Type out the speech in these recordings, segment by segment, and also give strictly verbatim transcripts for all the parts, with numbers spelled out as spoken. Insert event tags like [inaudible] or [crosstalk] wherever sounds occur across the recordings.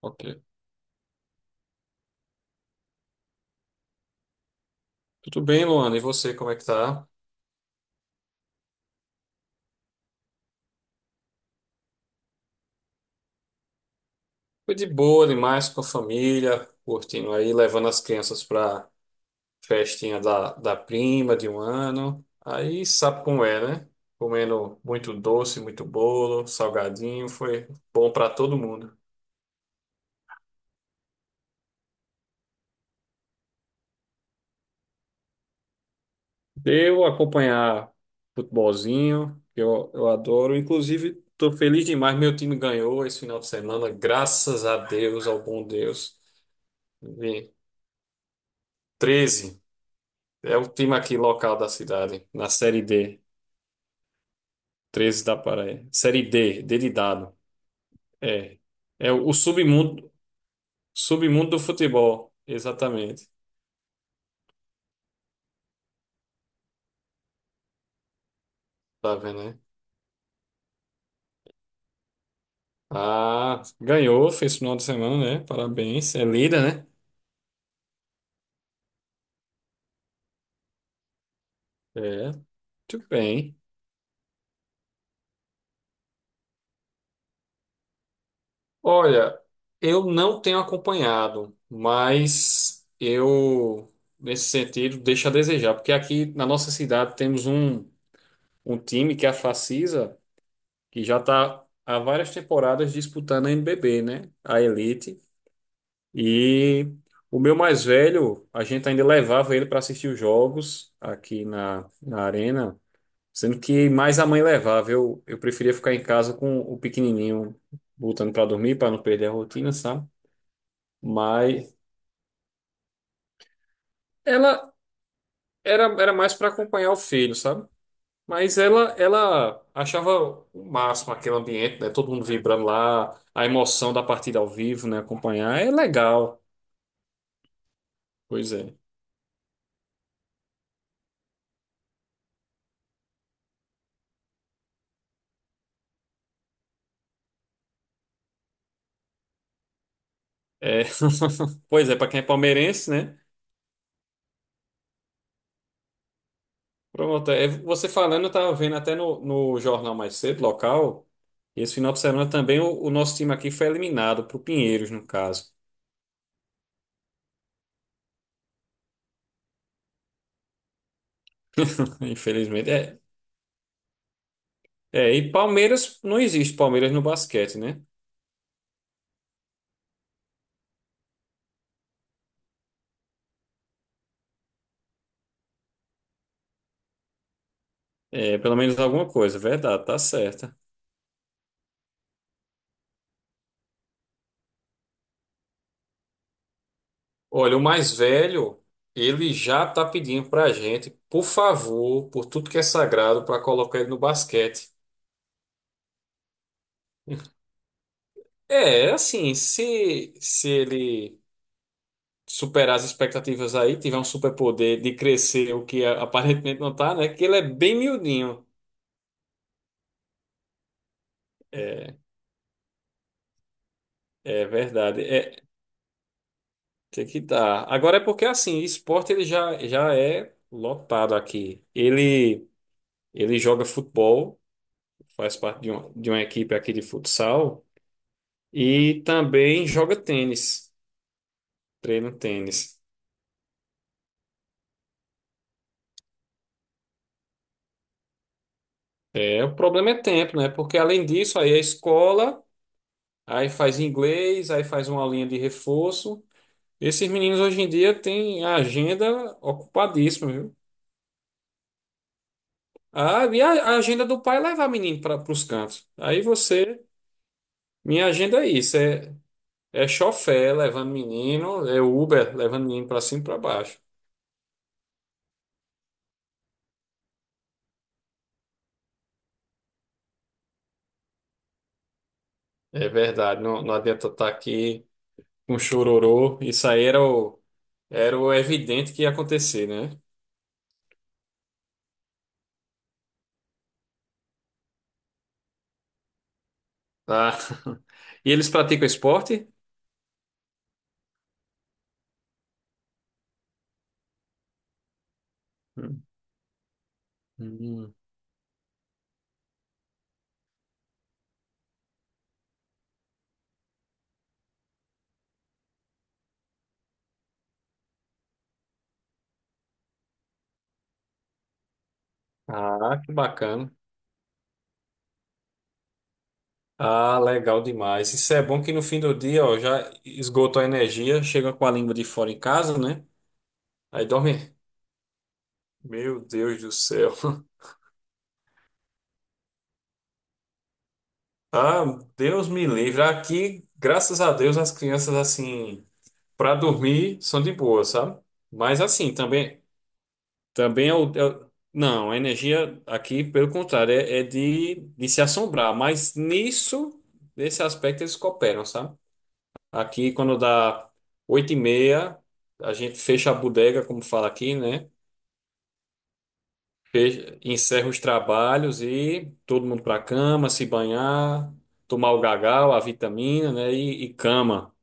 Ok. Tudo bem, Luana? E você, como é que tá? Foi de boa demais com a família, curtindo aí, levando as crianças pra festinha da, da prima de um ano. Aí sabe como é, né? Comendo muito doce, muito bolo, salgadinho, foi bom pra todo mundo. Deu acompanhar futebolzinho, que eu, eu adoro. Inclusive, estou feliz demais, meu time ganhou esse final de semana, graças a Deus, ao bom Deus. Vi treze. É o time aqui local da cidade, na Série D, treze da Paraíba. Série D, D de dado. É. É o, o submundo, submundo do futebol, exatamente. Tá vendo, né? Ah, ganhou, fez final de semana, né? Parabéns. É líder, né? É, muito bem. Olha, eu não tenho acompanhado, mas eu, nesse sentido, deixo a desejar, porque aqui na nossa cidade temos um, um time que é a Facisa que já está há várias temporadas disputando a N B B, né? A Elite. E o meu mais velho, a gente ainda levava ele para assistir os jogos aqui na, na arena, sendo que mais a mãe levava. Eu, eu preferia ficar em casa com o pequenininho, botando para dormir, para não perder a rotina, sabe? Mas ela era, era mais para acompanhar o filho, sabe? Mas ela, ela achava o máximo aquele ambiente, né? Todo mundo vibrando lá, a emoção da partida ao vivo, né? Acompanhar é legal. Pois é. É. [laughs] Pois é, para quem é palmeirense, né? Pronto, é, você falando, eu tava vendo até no, no jornal mais cedo, local, e esse final de semana também o, o nosso time aqui foi eliminado pro Pinheiros, no caso. [laughs] Infelizmente. É, é, e Palmeiras, não existe Palmeiras no basquete, né? É, pelo menos alguma coisa, é verdade, tá certa. Olha, o mais velho, ele já tá pedindo pra gente, por favor, por tudo que é sagrado, para colocar ele no basquete. É, assim, se, se ele superar as expectativas aí, tiver um superpoder de crescer, o que a- aparentemente não tá, né? Que ele é bem miudinho. É verdade, é, tem que dar. Agora é porque, assim, esporte ele já, já é lotado aqui. Ele, ele joga futebol, faz parte de uma, de uma equipe aqui de futsal. E também joga tênis, treina tênis. É, o problema é tempo, né? Porque além disso, aí a escola, aí faz inglês, aí faz uma linha de reforço. Esses meninos hoje em dia têm a agenda ocupadíssima, viu? Ah, e a, a agenda do pai é levar menino para os cantos. Aí você, minha agenda é isso, é, é chofé levando menino, é Uber levando menino para cima e para baixo. É verdade, não, não adianta estar aqui com chororô. Isso aí era o Era o evidente que ia acontecer, né? Ah. [laughs] E eles praticam esporte? Hum. Hum. Ah, que bacana. Ah, legal demais. Isso é bom que no fim do dia, ó, já esgotou a energia, chega com a língua de fora em casa, né? Aí dorme. Meu Deus do céu. [laughs] Ah, Deus me livre. Aqui, graças a Deus, as crianças, assim, para dormir são de boa, sabe? Mas assim, também. Também é o. é o- não, a energia aqui, pelo contrário, é, é de, de se assombrar, mas nisso, nesse aspecto, eles cooperam, sabe? Aqui, quando dá oito e meia, a gente fecha a bodega, como fala aqui, né? Fecha- encerra os trabalhos e todo mundo para cama, se banhar, tomar o gagal, a vitamina, né? E, e cama.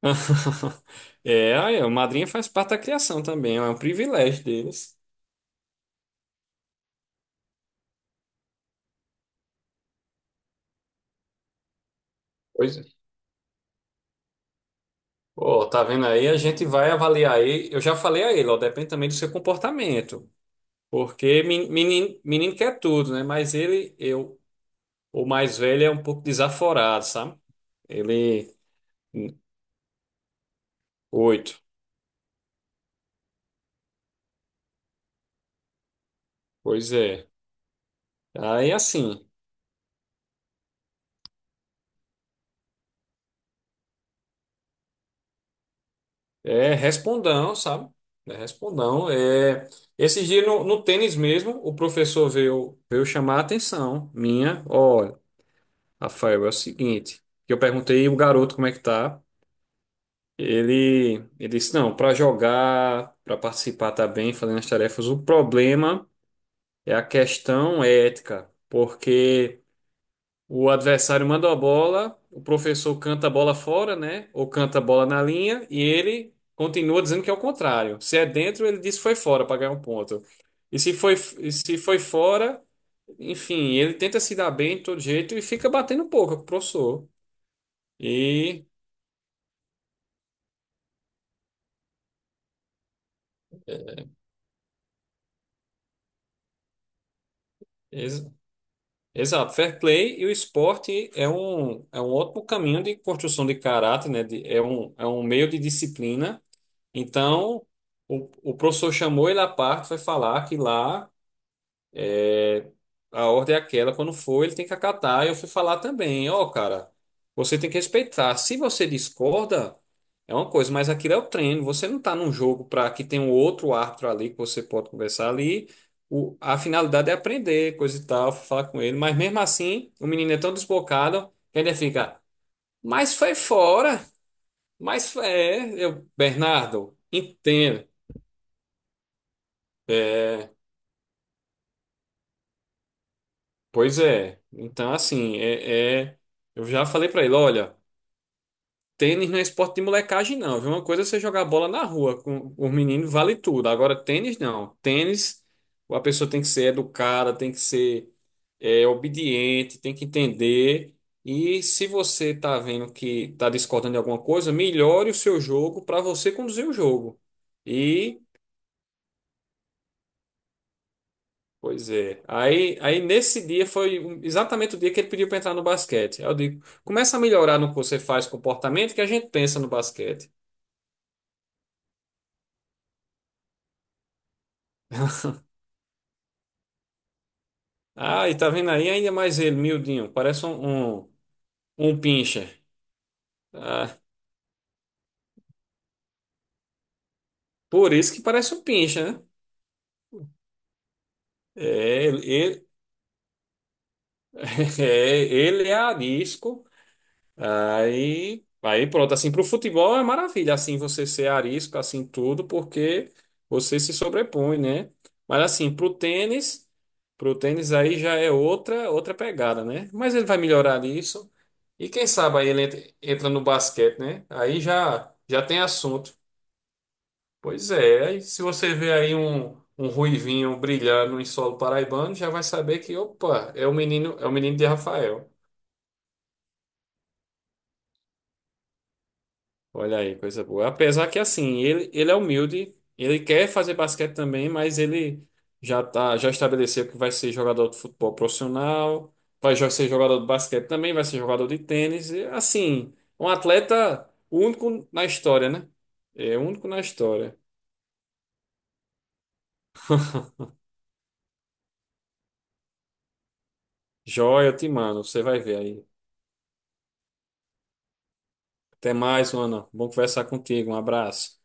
[laughs] É, aí a madrinha faz parte da criação também, é um privilégio deles. Pois Pô, tá vendo aí? A gente vai avaliar aí. Eu já falei a ele, ó, depende também do seu comportamento. Porque menino, menino quer tudo, né? Mas ele, eu, o mais velho é um pouco desaforado, sabe? Ele, hum, oito. Pois é. Aí assim, é respondão, sabe? É respondão. É... esse dia no, no tênis mesmo, o professor veio, veio chamar a atenção minha. Olha, Rafael, é o seguinte. Que Eu perguntei o garoto como é que tá. Ele, ele disse, não, para jogar, para participar tá bem, fazendo as tarefas, o problema é a questão ética, porque o adversário manda a bola, o professor canta a bola fora, né? Ou canta a bola na linha, e ele continua dizendo que é o contrário. Se é dentro, ele diz que foi fora para ganhar um ponto. E se foi, e se foi fora, enfim, ele tenta se dar bem de todo jeito e fica batendo boca com o professor. E Exato, fair play e o esporte é um, é um ótimo caminho de construção de caráter, né? De- é um, é um meio de disciplina. Então, o, o professor chamou ele à parte, foi falar que lá. A ordem é aquela, quando for, ele tem que acatar. Eu fui falar também, ó, cara, você tem que respeitar. Se você discorda, é uma coisa, mas aquilo é o treino. Você não tá num jogo para que tem um outro árbitro ali que você pode conversar ali. O, a finalidade é aprender, coisa e tal, fui falar com ele. Mas mesmo assim, o menino é tão desbocado que ainda fica, mas foi fora, mas foi- é, eu, Bernardo, entendo. É, pois é. Então, assim, é... é- eu já falei para ele, olha. Tênis não é esporte de molecagem, não, viu? Uma coisa é você jogar bola na rua com os meninos, vale tudo. Agora, tênis, não. Tênis, a pessoa tem que ser educada, tem que ser é, obediente, tem que entender. E se você tá vendo que tá discordando de alguma coisa, melhore o seu jogo para você conduzir o jogo. E, Pois é. Aí, aí nesse dia foi um- exatamente o dia que ele pediu para entrar no basquete. Aí eu digo, começa a melhorar no que você faz, comportamento, que a gente pensa no basquete. Ah, e tá vendo aí ainda mais ele, miudinho. Parece um, um, um pincher. Ah, por isso que parece um pincher, né? É, ele, ele- [laughs] é, ele é arisco. Aí, aí pronto, assim, pro futebol é maravilha, assim, você ser arisco, assim, tudo, porque você se sobrepõe, né? Mas assim, pro tênis, pro tênis aí já é outra, outra pegada, né? Mas ele vai melhorar isso. E quem sabe aí ele entra, entra no basquete, né? Aí já, já tem assunto. Pois é, e se você vê aí um, um ruivinho brilhando em solo paraibano, já vai saber que, opa, é o menino, é o menino de Rafael. Olha aí, coisa boa. Apesar que assim, ele, ele é humilde, ele quer fazer basquete também, mas ele já tá, já estabeleceu que vai ser jogador de futebol profissional, vai jo- ser jogador de basquete também, vai ser jogador de tênis, e, assim, um atleta único na história, né? É único na história. Joia, eu te mando, você vai ver aí. Até mais, Ana. Bom conversar contigo. Um abraço.